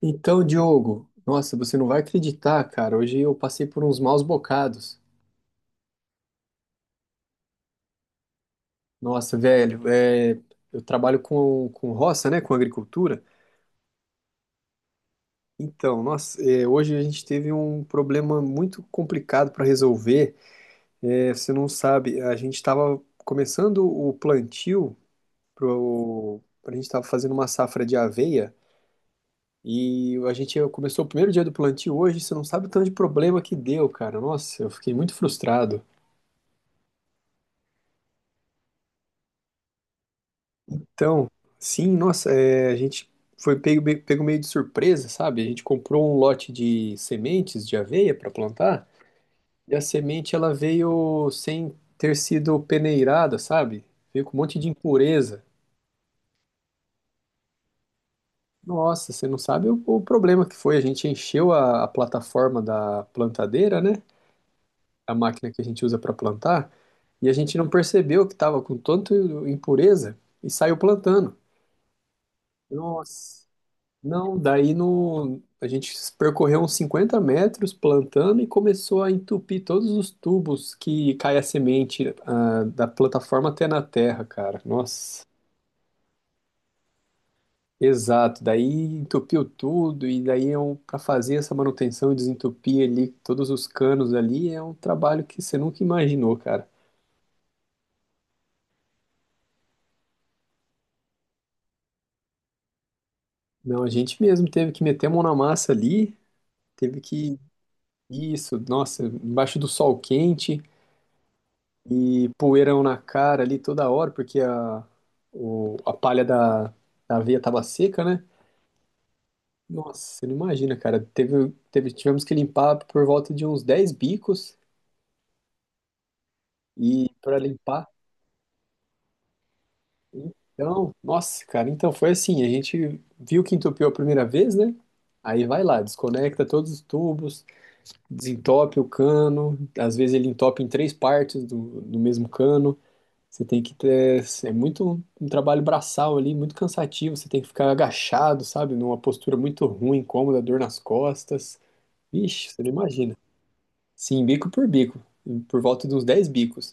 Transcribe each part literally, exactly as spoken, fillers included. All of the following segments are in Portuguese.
Então, Diogo, nossa, você não vai acreditar, cara. Hoje eu passei por uns maus bocados. Nossa, velho, é, eu trabalho com, com roça, né, com agricultura. Então, nossa, é, hoje a gente teve um problema muito complicado para resolver. É, você não sabe, a gente estava começando o plantio, pro, a gente estava fazendo uma safra de aveia. E a gente começou o primeiro dia do plantio hoje, você não sabe o tanto de problema que deu, cara. Nossa, eu fiquei muito frustrado. Então, sim, nossa, é, a gente foi pego, me- pego meio de surpresa, sabe? A gente comprou um lote de sementes de aveia para plantar e a semente ela veio sem ter sido peneirada, sabe? Veio com um monte de impureza. Nossa, você não sabe o, o problema que foi. A gente encheu a, a plataforma da plantadeira, né? A máquina que a gente usa para plantar e a gente não percebeu que estava com tanto impureza e saiu plantando. Nossa. Não, daí no, a gente percorreu uns cinquenta metros plantando e começou a entupir todos os tubos que cai a semente, ah, da plataforma até na terra, cara. Nossa, exato. Daí entupiu tudo e daí é um, para fazer essa manutenção e desentupir ali todos os canos ali é um trabalho que você nunca imaginou, cara. Não, a gente mesmo teve que meter a mão na massa ali, teve que isso, nossa, embaixo do sol quente. E poeirão na cara ali toda hora, porque a, o, a palha da, da aveia tava seca, né? Nossa, você não imagina, cara. Teve, teve, tivemos que limpar por volta de uns dez bicos e para limpar. Então, nossa, cara, então foi assim, a gente viu que entupiu a primeira vez, né? Aí vai lá, desconecta todos os tubos, desentope o cano, às vezes ele entope em três partes do, do mesmo cano. Você tem que ter. É muito um trabalho braçal ali, muito cansativo. Você tem que ficar agachado, sabe? Numa postura muito ruim, incômoda, dor nas costas. Vixe, você não imagina. Sim, bico por bico, por volta de uns dez bicos.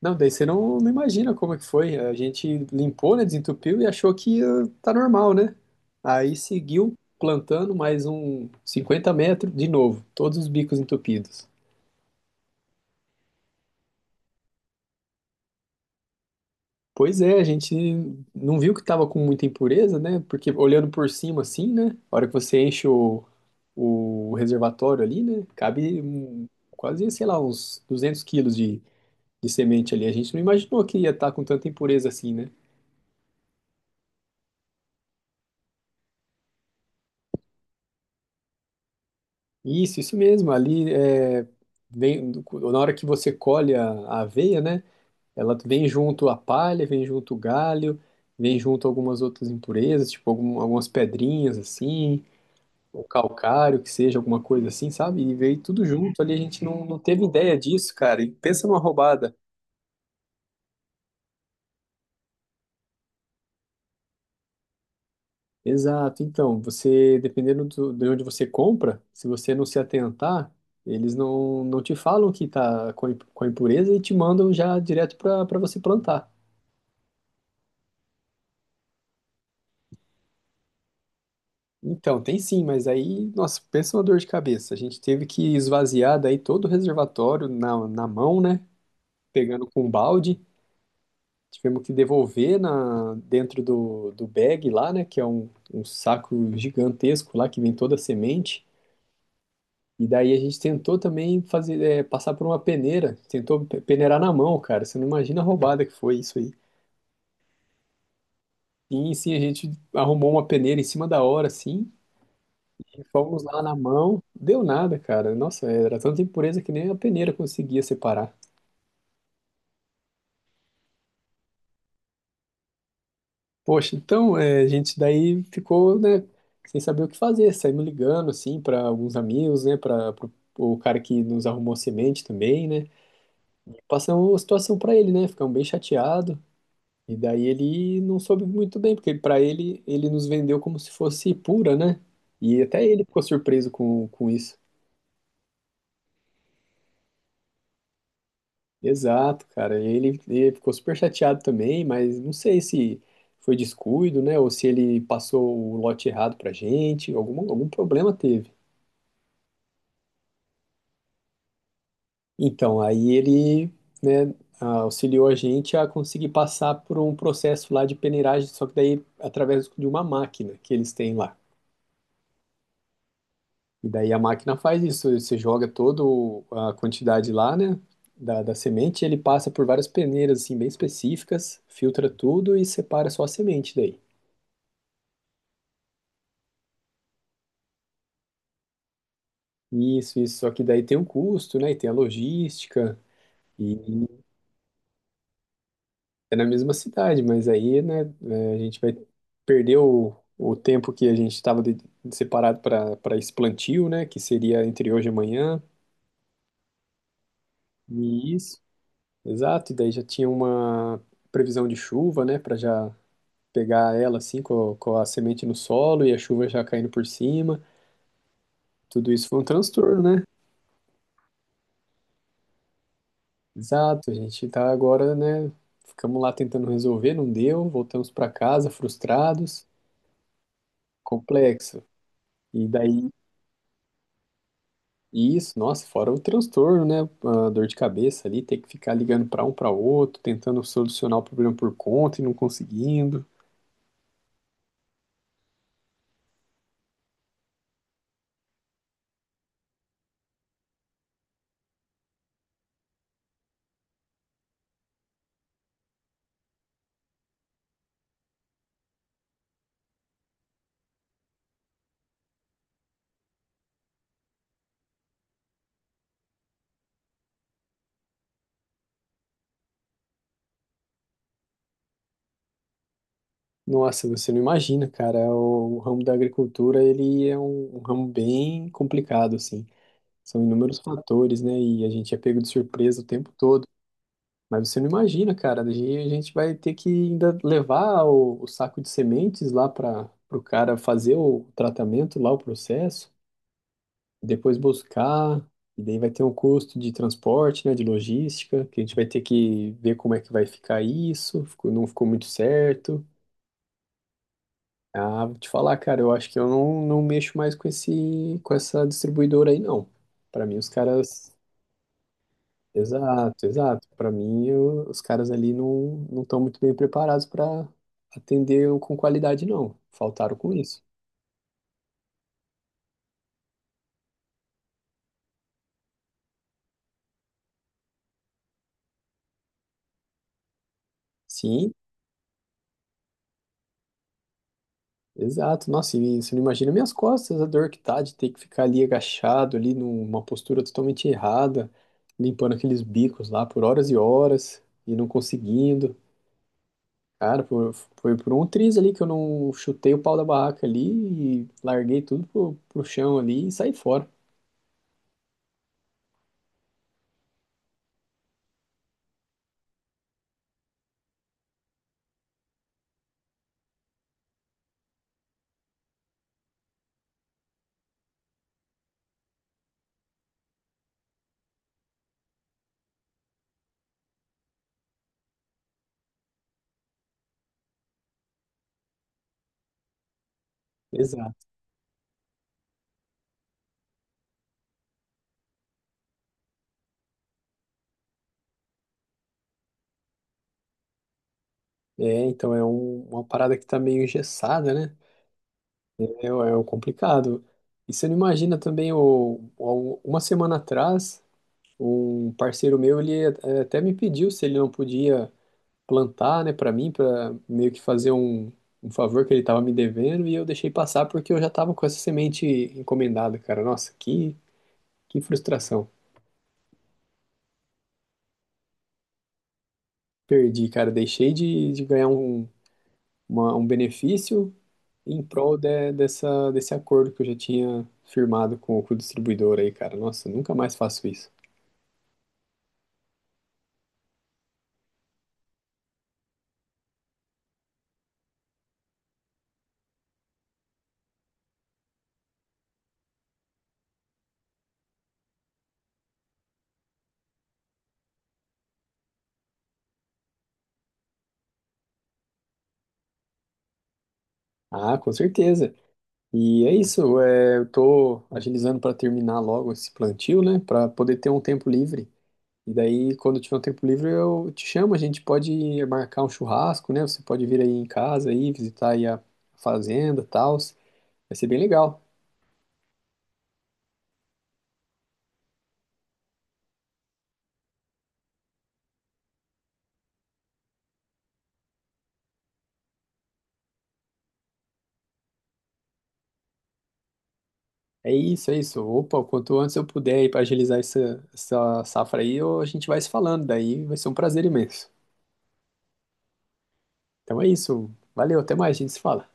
Não, daí você não, não imagina como é que foi. A gente limpou, né? Desentupiu e achou que ah, tá normal, né? Aí seguiu plantando mais um cinquenta metros de novo, todos os bicos entupidos. Pois é, a gente não viu que estava com muita impureza, né? Porque olhando por cima assim, né? A hora que você enche o, o reservatório ali, né? Cabe hum, quase, sei lá, uns duzentos quilos de, de semente ali. A gente não imaginou que ia estar com tanta impureza assim, né? Isso, isso mesmo. Ali é, vem, na hora que você colhe a, a aveia, né? Ela vem junto a palha, vem junto o galho, vem junto algumas outras impurezas, tipo algum- algumas pedrinhas assim. O calcário, que seja, alguma coisa assim, sabe? E veio tudo junto ali, a gente não, não teve ideia disso, cara. E pensa numa roubada. Exato, então, você, dependendo do- de onde você compra, se você não se atentar, eles não, não te falam que tá com a imp- com a impureza e te mandam já direto para para você plantar. Então, tem sim, mas aí, nossa, pensa uma dor de cabeça. A gente teve que esvaziar daí todo o reservatório na, na mão, né? Pegando com um balde. Tivemos que devolver na, dentro do, do bag lá, né? Que é um, um saco gigantesco lá que vem toda a semente. E daí a gente tentou também fazer, é, passar por uma peneira. Tentou pe- peneirar na mão, cara. Você não imagina a roubada que foi isso aí. Sim, sim, a gente arrumou uma peneira em cima da hora, assim. E fomos lá na mão, deu nada, cara. Nossa, era tanta impureza que nem a peneira conseguia separar. Poxa, então é, a gente daí ficou, né, sem saber o que fazer, saímos ligando, assim, para alguns amigos, né, para o cara que nos arrumou semente também, né, passamos a situação para ele, né, ficamos bem chateado e daí ele não soube muito bem, porque para ele, ele nos vendeu como se fosse pura, né, e até ele ficou surpreso com, com isso. Exato, cara, e ele, ele ficou super chateado também, mas não sei se foi descuido, né, ou se ele passou o lote errado pra gente, algum, algum problema teve. Então, aí ele, né, auxiliou a gente a conseguir passar por um processo lá de peneiragem, só que daí através de uma máquina que eles têm lá. E daí a máquina faz isso, você joga toda a quantidade lá, né, da, da semente, ele passa por várias peneiras, assim, bem específicas, filtra tudo e separa só a semente daí. Isso, isso, só que daí tem um custo, né, e tem a logística, e é na mesma cidade, mas aí, né, é, a gente vai perder o, o tempo que a gente estava de- separado para para esse plantio, né, que seria entre hoje e amanhã. E isso. Exato, e daí já tinha uma previsão de chuva, né, para já pegar ela assim com, com a semente no solo e a chuva já caindo por cima. Tudo isso foi um transtorno, né? Exato, a gente tá agora, né, ficamos lá tentando resolver, não deu, voltamos para casa frustrados, complexo. E daí. Isso, nossa, fora o transtorno, né? A dor de cabeça ali, ter que ficar ligando para um para outro, tentando solucionar o problema por conta e não conseguindo. Nossa, você não imagina, cara. O, o ramo da agricultura, ele é um, um ramo bem complicado, assim. São inúmeros fatores, né? E a gente é pego de surpresa o tempo todo. Mas você não imagina, cara. A gente a gente vai ter que ainda levar o, o saco de sementes lá para o cara fazer o tratamento lá, o processo. Depois buscar, e daí vai ter um custo de transporte, né, de logística, que a gente vai ter que ver como é que vai ficar isso, ficou- não ficou muito certo. Ah, vou te falar, cara, eu acho que eu não, não mexo mais com esse, com essa distribuidora aí, não. Para mim, os caras. Exato, exato. Para mim, eu- os caras ali não não estão muito bem preparados para atender com qualidade, não. Faltaram com isso. Sim, exato, nossa, e você não imagina minhas costas, a dor que tá de ter que ficar ali agachado, ali numa postura totalmente errada, limpando aqueles bicos lá por horas e horas e não conseguindo. Cara, por- foi por um triz ali que eu não chutei o pau da barraca ali e larguei tudo pro, pro chão ali e saí fora. Exato. É, então é um- uma parada que tá meio engessada, né? É, o é o complicado. E você não imagina também, o, o- uma semana atrás. Um parceiro meu, ele eh, até me pediu se ele não podia plantar, né, para mim, para meio que fazer um, um favor que ele tava me devendo, e eu deixei passar porque eu já tava com essa semente encomendada, cara. Nossa, que, que frustração. Perdi, cara. Deixei de, de ganhar um, uma- um benefício em prol de- dessa, desse acordo que eu já tinha firmado com, com o distribuidor aí, cara. Nossa, nunca mais faço isso. Ah, com certeza. E é isso, é, eu tô agilizando para terminar logo esse plantio, né, para poder ter um tempo livre. E daí, quando tiver um tempo livre, eu te chamo, a gente pode marcar um churrasco, né? Você pode vir aí em casa aí, visitar aí a fazenda, tal. Vai ser bem legal. É isso, é isso. Opa, quanto antes eu puder aí para agilizar essa, essa safra aí, eu- a gente vai se falando, daí vai ser um prazer imenso. Então é isso. Valeu, até mais, a gente se fala.